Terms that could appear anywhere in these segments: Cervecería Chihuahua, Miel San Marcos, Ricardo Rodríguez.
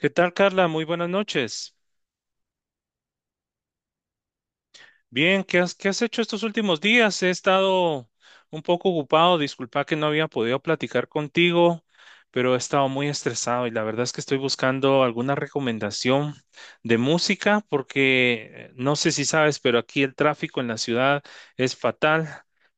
¿Qué tal, Carla? Muy buenas noches. Bien, ¿qué has hecho estos últimos días? He estado un poco ocupado, disculpa que no había podido platicar contigo, pero he estado muy estresado y la verdad es que estoy buscando alguna recomendación de música porque no sé si sabes, pero aquí el tráfico en la ciudad es fatal.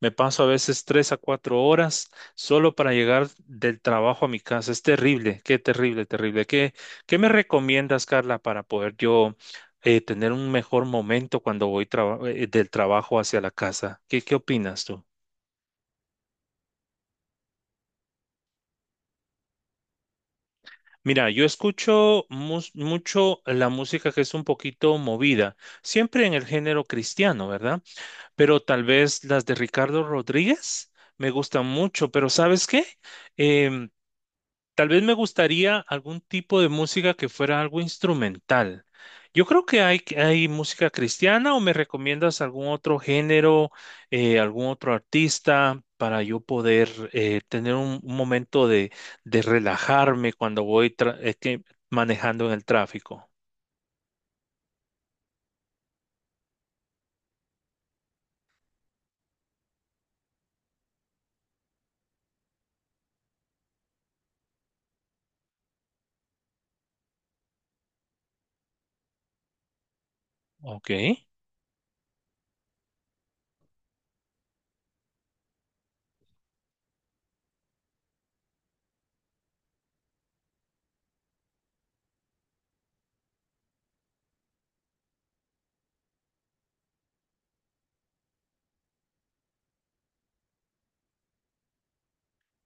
Me paso a veces tres a cuatro horas solo para llegar del trabajo a mi casa. Es terrible, qué terrible, terrible. ¿Qué, qué me recomiendas, Carla, para poder yo tener un mejor momento cuando voy del trabajo hacia la casa? ¿Qué, qué opinas tú? Mira, yo escucho mucho la música que es un poquito movida, siempre en el género cristiano, ¿verdad? Pero tal vez las de Ricardo Rodríguez me gustan mucho, pero ¿sabes qué? Em, Tal vez me gustaría algún tipo de música que fuera algo instrumental. Yo creo que hay música cristiana, o me recomiendas algún otro género, algún otro artista para yo poder tener un momento de relajarme cuando voy manejando en el tráfico. Ok.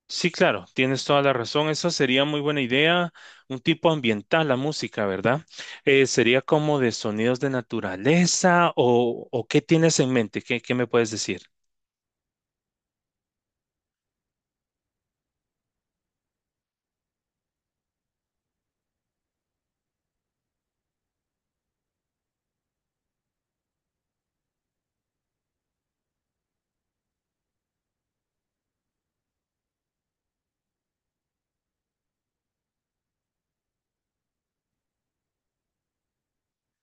Sí, claro, tienes toda la razón. Esa sería muy buena idea. Un tipo ambiental, la música, ¿verdad? Sería como de sonidos de naturaleza, o ¿qué tienes en mente? ¿Qué, qué me puedes decir?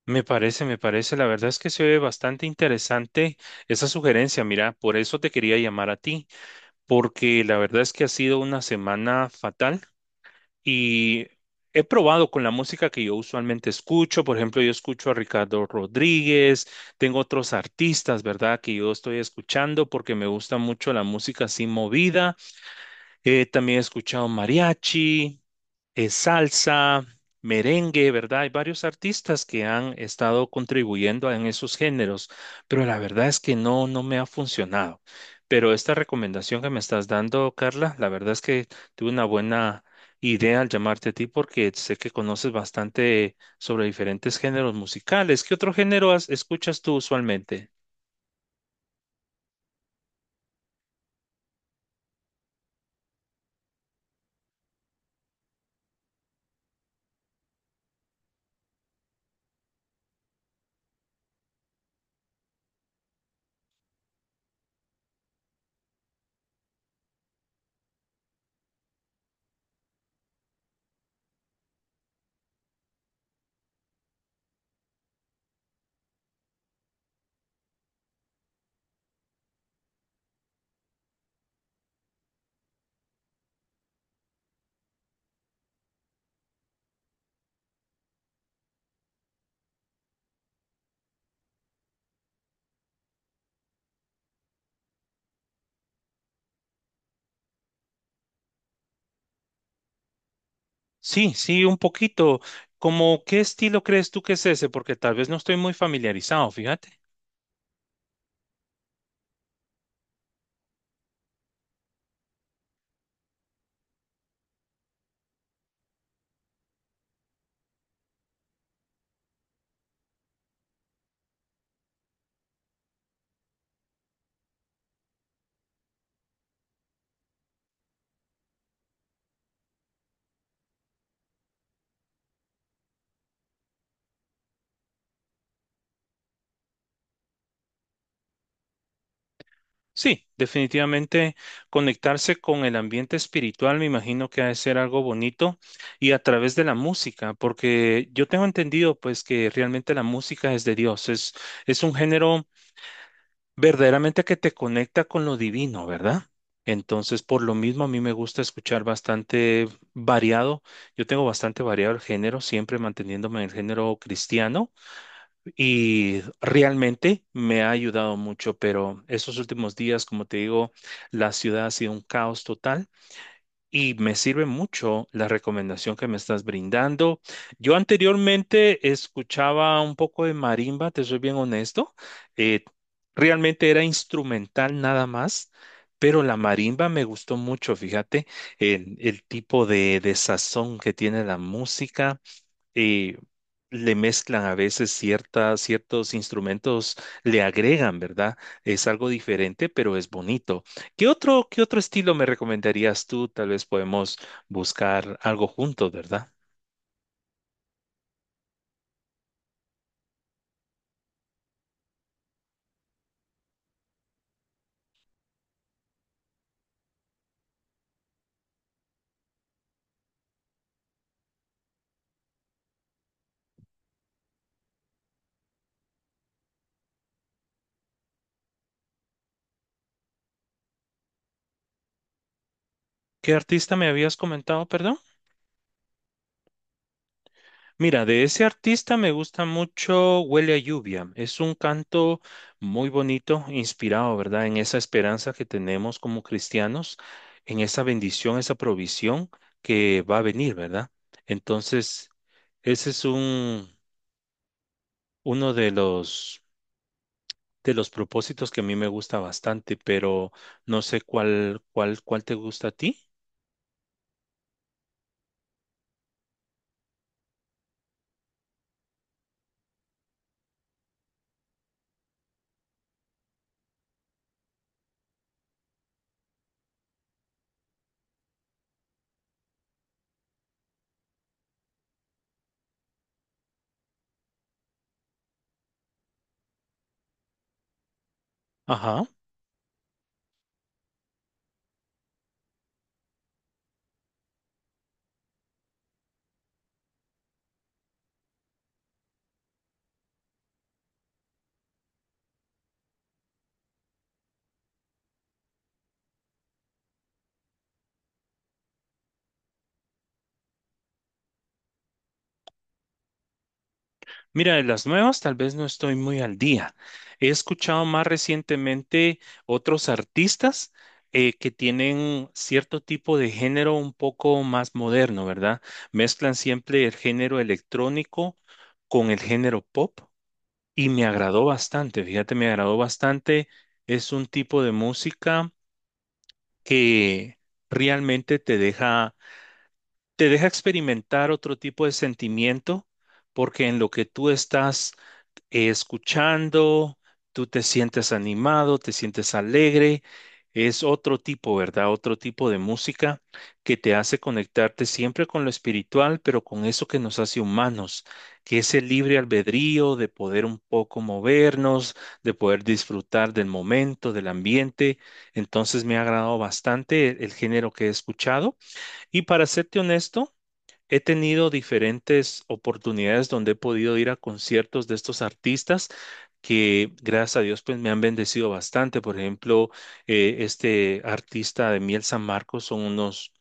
Me parece, me parece. La verdad es que se ve bastante interesante esa sugerencia. Mira, por eso te quería llamar a ti, porque la verdad es que ha sido una semana fatal. Y he probado con la música que yo usualmente escucho, por ejemplo, yo escucho a Ricardo Rodríguez, tengo otros artistas, ¿verdad? Que yo estoy escuchando porque me gusta mucho la música así movida. También he escuchado mariachi, salsa, merengue, ¿verdad? Hay varios artistas que han estado contribuyendo en esos géneros, pero la verdad es que no me ha funcionado. Pero esta recomendación que me estás dando, Carla, la verdad es que tuve una buena idea al llamarte a ti porque sé que conoces bastante sobre diferentes géneros musicales. ¿Qué otro género escuchas tú usualmente? Sí, sí, un poquito. ¿Como qué estilo crees tú que es ese? Porque tal vez no estoy muy familiarizado, fíjate. Sí, definitivamente conectarse con el ambiente espiritual me imagino que ha de ser algo bonito, y a través de la música, porque yo tengo entendido pues que realmente la música es de Dios, es un género verdaderamente que te conecta con lo divino, ¿verdad? Entonces, por lo mismo a mí me gusta escuchar bastante variado, yo tengo bastante variado el género, siempre manteniéndome en el género cristiano. Y realmente me ha ayudado mucho, pero estos últimos días, como te digo, la ciudad ha sido un caos total y me sirve mucho la recomendación que me estás brindando. Yo anteriormente escuchaba un poco de marimba, te soy bien honesto. eh, Realmente era instrumental nada más, pero la marimba me gustó mucho, fíjate, el tipo de sazón que tiene la música. eh, Le mezclan a veces ciertas, ciertos instrumentos, le agregan, ¿verdad? Es algo diferente, pero es bonito. Qué otro estilo me recomendarías tú? Tal vez podemos buscar algo juntos, ¿verdad? ¿Qué artista me habías comentado, perdón? Mira, de ese artista me gusta mucho Huele a Lluvia. Es un canto muy bonito, inspirado, ¿verdad? En esa esperanza que tenemos como cristianos, en esa bendición, esa provisión que va a venir, ¿verdad? Entonces, ese es un, uno de los propósitos que a mí me gusta bastante, pero no sé cuál te gusta a ti. Ajá. Mira, de las nuevas tal vez no estoy muy al día. He escuchado más recientemente otros artistas que tienen cierto tipo de género un poco más moderno, ¿verdad? Mezclan siempre el género electrónico con el género pop y me agradó bastante, fíjate, me agradó bastante. Es un tipo de música que realmente te deja experimentar otro tipo de sentimiento porque en lo que tú estás escuchando, tú te sientes animado, te sientes alegre. Es otro tipo, ¿verdad? Otro tipo de música que te hace conectarte siempre con lo espiritual, pero con eso que nos hace humanos, que es el libre albedrío de poder un poco movernos, de poder disfrutar del momento, del ambiente. Entonces me ha agradado bastante el género que he escuchado. Y para serte honesto, he tenido diferentes oportunidades donde he podido ir a conciertos de estos artistas que gracias a Dios pues me han bendecido bastante. Por ejemplo, este artista de Miel San Marcos, son unos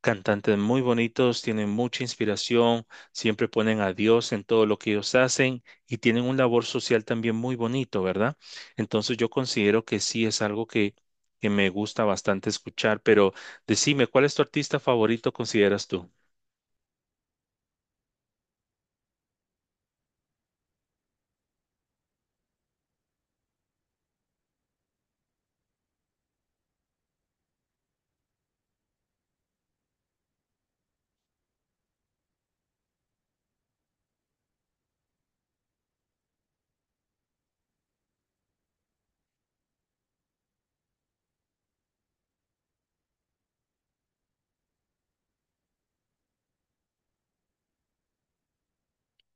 cantantes muy bonitos, tienen mucha inspiración, siempre ponen a Dios en todo lo que ellos hacen y tienen un labor social también muy bonito, ¿verdad? Entonces yo considero que sí es algo que me gusta bastante escuchar, pero decime, ¿cuál es tu artista favorito consideras tú?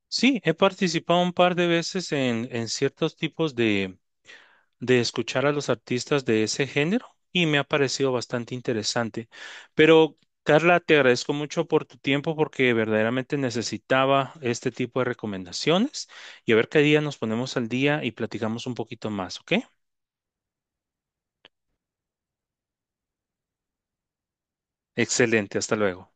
Sí, he participado un par de veces en ciertos tipos de escuchar a los artistas de ese género y me ha parecido bastante interesante. Pero, Carla, te agradezco mucho por tu tiempo porque verdaderamente necesitaba este tipo de recomendaciones y a ver qué día nos ponemos al día y platicamos un poquito más, ¿ok? Excelente, hasta luego.